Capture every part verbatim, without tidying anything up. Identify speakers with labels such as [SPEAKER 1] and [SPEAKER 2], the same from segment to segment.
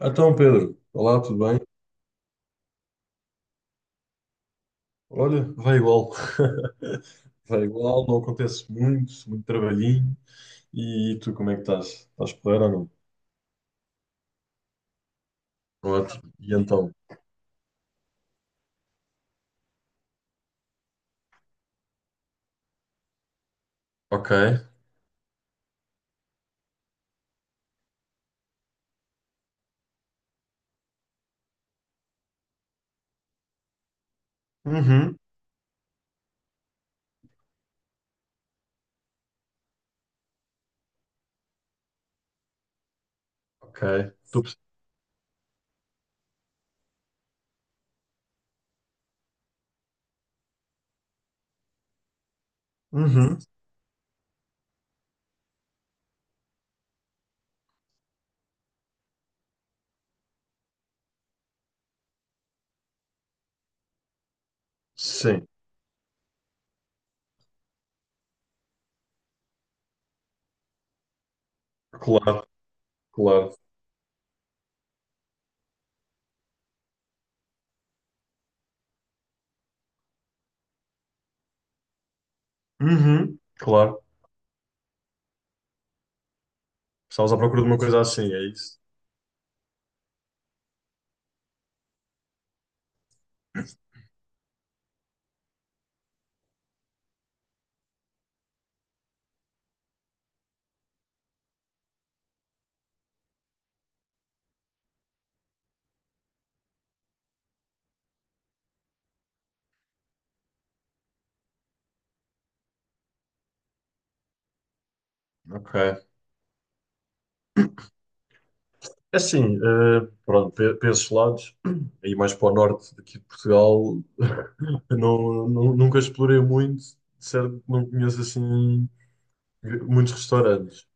[SPEAKER 1] Então, Pedro, olá, tudo bem? Olha, vai igual. Vai igual, não acontece muito, muito trabalhinho. E tu, como é que estás? Estás porreiro ou não? Ótimo. E então? Ok. Uhum. Ok. Tu... Uhum. Sim. Claro, claro. Uhum. Claro. Estavas à procura de uma coisa assim, é isso? Ok. É assim, eh, pronto, pe- para esses lados, aí mais para o norte daqui de Portugal. Eu não, nu- nunca explorei muito, de certo? Não conheço assim muitos restaurantes.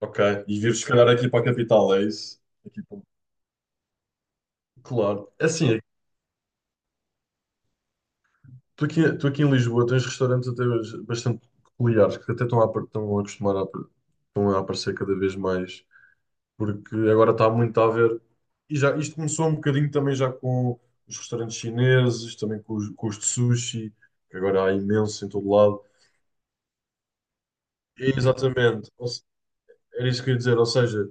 [SPEAKER 1] Ok. E vives se calhar aqui para a capital, é isso? Aqui para- Claro. É assim, tu aqui, tu aqui em Lisboa tens restaurantes até hoje bastante peculiares, que até estão a, apar- estão a acostumar a, apar- estão a aparecer cada vez mais, porque agora está muito a ver. E já, isto começou um bocadinho também já com os restaurantes chineses, também com os, com os de sushi, que agora há imenso em todo lado. Exatamente. Ou se- era isso que eu ia dizer, ou seja.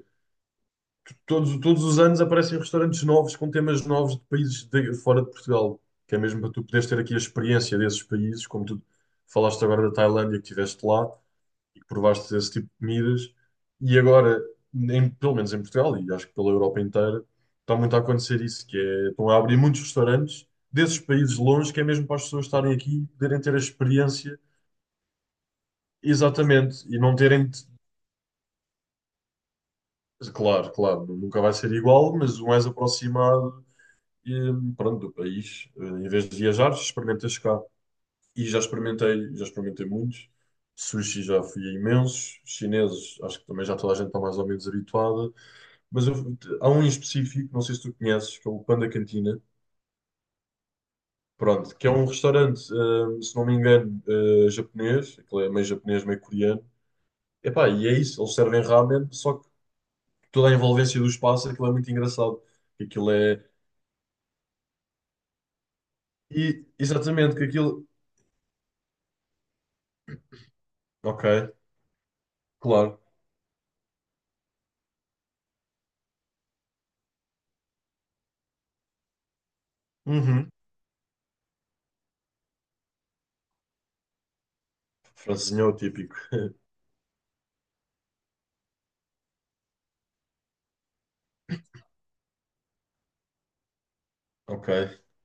[SPEAKER 1] Todos, todos os anos aparecem restaurantes novos com temas novos de países de- fora de Portugal, que é mesmo para tu poderes ter aqui a experiência desses países, como tu falaste agora da Tailândia, que estiveste lá e que provaste esse tipo de comidas. E agora, em- pelo menos em Portugal, e acho que pela Europa inteira, está muito a acontecer isso, que é, estão a abrir muitos restaurantes desses países longe, que é mesmo para as pessoas estarem aqui e poderem ter a experiência exatamente, e não terem, de- claro, claro, nunca vai ser igual, mas o mais aproximado e, pronto, do país. Eh, Em vez de viajar, experimentas cá. E já experimentei, já experimentei muitos. Sushi já fui a imensos. Chineses, acho que também já toda a gente está mais ou menos habituada. Mas eu- há um em específico, não sei se tu conheces, que é o Panda Cantina. Pronto, que é um restaurante, eh, se não me engano, eh, japonês. Aquilo é meio japonês, meio coreano. Epá, e é isso, eles servem ramen, só que toda a envolvência do espaço, aquilo é muito engraçado. Aquilo é... E, exatamente, que aquilo... Ok, claro. Uhum. Francesinha é o típico. Ok.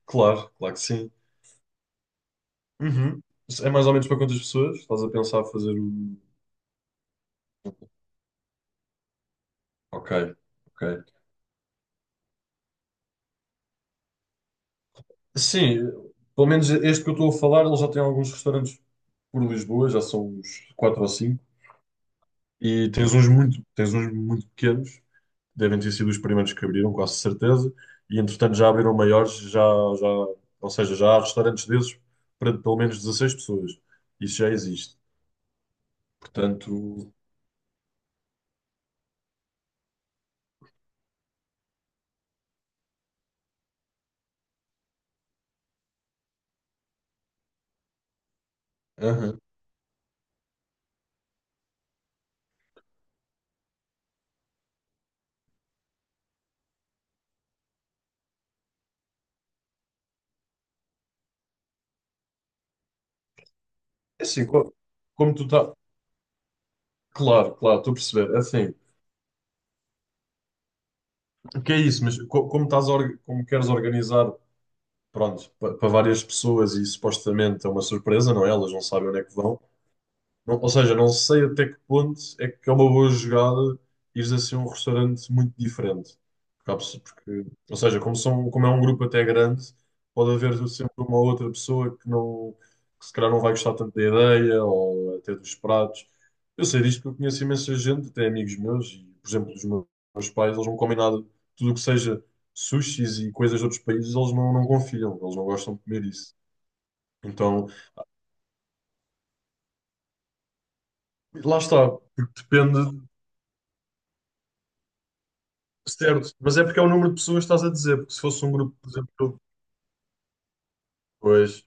[SPEAKER 1] Claro, claro que sim. Uhum. É mais ou menos para quantas pessoas? Estás a pensar fazer o. Ok, ok. Sim, pelo menos este que eu estou a falar, ele já tem alguns restaurantes por Lisboa, já são uns quatro ou cinco. E tens uns muito, tens uns muito pequenos, devem ter sido os primeiros que abriram, quase certeza. E entretanto já abriram maiores, já, já, ou seja, já há restaurantes desses para pelo menos dezasseis pessoas. Isso já existe. Portanto, aham. É assim, co- como tu tá, claro, claro, estou a perceber. É assim, o que é isso? Mas co- como estás, a orga- como queres organizar, pronto, pa- para várias pessoas e supostamente é uma surpresa, não é? Elas não sabem onde é que vão. Não- ou seja, não sei até que ponto é que é uma boa jogada ires assim a um restaurante muito diferente. Porque, há pessoas- porque- ou seja, como, são, como é um grupo até grande, pode haver sempre uma outra pessoa que não, que se calhar não vai gostar tanto da ideia ou até dos pratos. Eu sei disto porque eu conheço imensa gente, até amigos meus, e, por exemplo, os meus, meus pais, eles não comem nada, tudo o que seja sushis e coisas de outros países, eles não, não confiam, eles não gostam de comer isso. Então, lá está, porque depende. Certo, mas é porque é o número de pessoas que estás a dizer, porque se fosse um grupo, por exemplo, pois,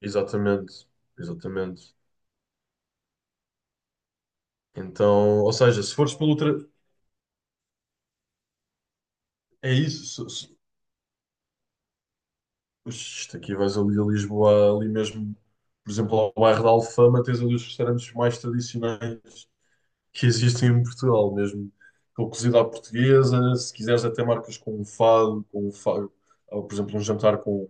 [SPEAKER 1] exatamente, exatamente. Então, ou seja, se fores pelo tra... é isso, se, se, isto aqui vais ali a Lisboa, ali mesmo, por exemplo, ao bairro da Alfama, tens ali os restaurantes mais tradicionais que existem em Portugal, mesmo com cozida à portuguesa, se quiseres até marcas com um fado, com um fado, ou, por exemplo, um jantar com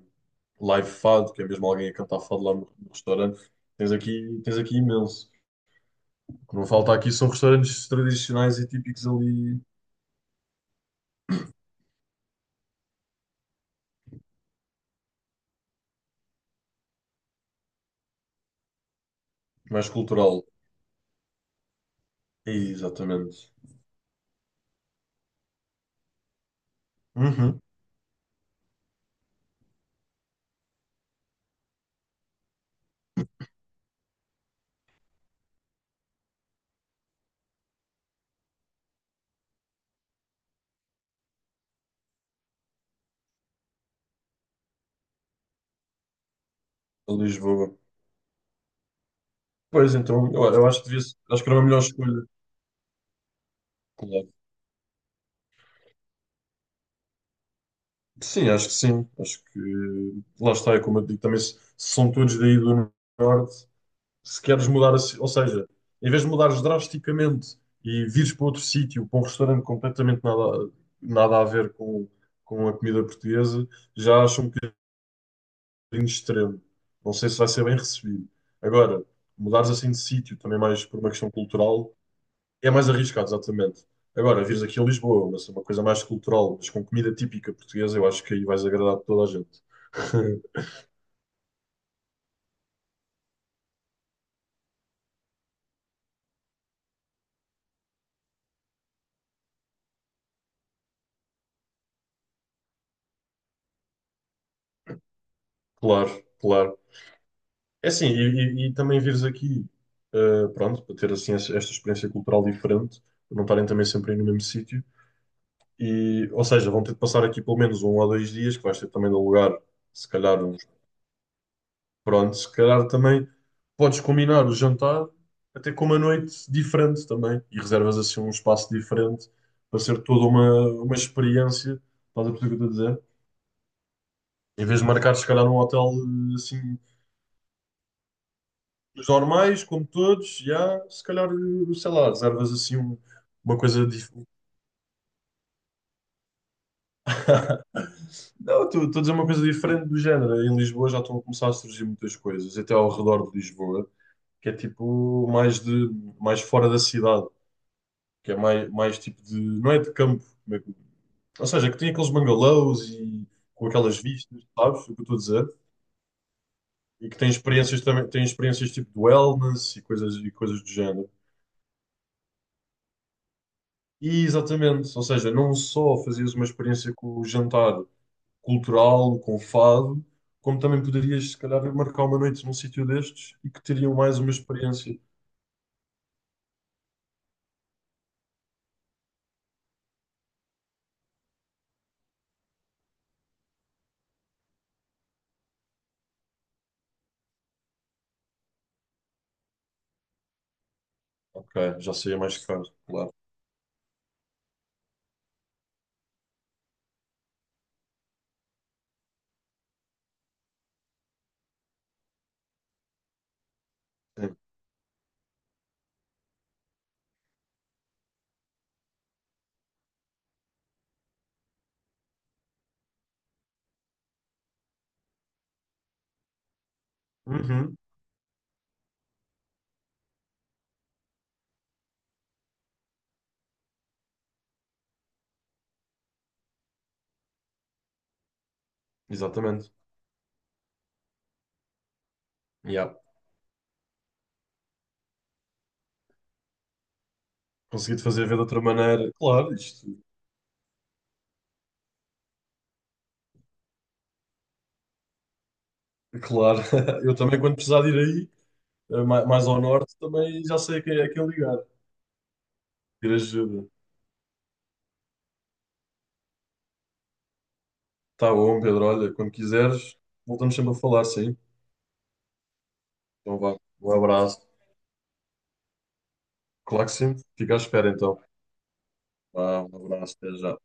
[SPEAKER 1] live fado, que é mesmo alguém a cantar fado lá no no restaurante, tens aqui, tens aqui imenso. O que não falta aqui são restaurantes tradicionais e típicos ali, mais cultural. Exatamente. Uhum. A Lisboa. Pois então, eu, eu acho que devia, ser- acho que era uma melhor escolha. Claro. Sim, acho que sim. Acho que lá está, é como eu digo também, se, se são todos daí do norte, se queres mudar, a ci- ou seja, em vez de mudares drasticamente e vires para outro sítio, para um restaurante completamente nada, nada a ver com, com a comida portuguesa, já acho um bocadinho extremo. Não sei se vai ser bem recebido. Agora, mudares assim de sítio, também mais por uma questão cultural, é mais arriscado, exatamente. Agora, vires aqui a Lisboa, uma, uma coisa mais cultural, mas com comida típica portuguesa, eu acho que aí vais agradar toda a gente. Claro, claro. É assim, e, e- e também vires aqui, eh, pronto, para ter assim esta esta experiência cultural diferente, para não estarem também sempre aí no mesmo sítio. E, ou seja, vão ter de passar aqui pelo menos um ou dois dias, que vais ter também de alugar, se calhar, uns. Pronto, se calhar também podes combinar o jantar até com uma noite diferente também e reservas assim um espaço diferente para ser toda uma, uma experiência. Estás a perceber o que eu estou a dizer? Em vez de marcar, se calhar, num hotel eh, assim, dos normais, como todos, já, se calhar, eh, sei lá, reservas assim um- uma coisa diferente. Não, estou estou a dizer uma coisa diferente do género. Em Lisboa já estão a começar a surgir muitas coisas, até ao redor de Lisboa, que é tipo mais de mais fora da cidade. Que é mais, mais tipo de. Não é de campo, como é que- ou seja, que tem aqueles bungalows e com aquelas vistas, sabes o que eu estou a dizer? E que tem experiências também, tem experiências tipo de wellness e coisas, e coisas do género. E exatamente, ou seja, não só fazias uma experiência com o jantar cultural, com o fado, como também poderias, se calhar, marcar uma noite num sítio destes e que teriam mais uma experiência. Ok, já seria mais caro, claro. Sim. Uhum, exatamente. Yeah. Consegui fazer ver de outra maneira. Claro, isto claro, eu também quando precisar de ir aí, eh, ma- mais ao norte, também já sei a quem é quem ligar, ter ajuda. Tá bom, Pedro, olha, quando quiseres, voltamos sempre a falar, sim. Então vá, um abraço. Claro que sim, fica à espera então. Vá, um abraço, até já.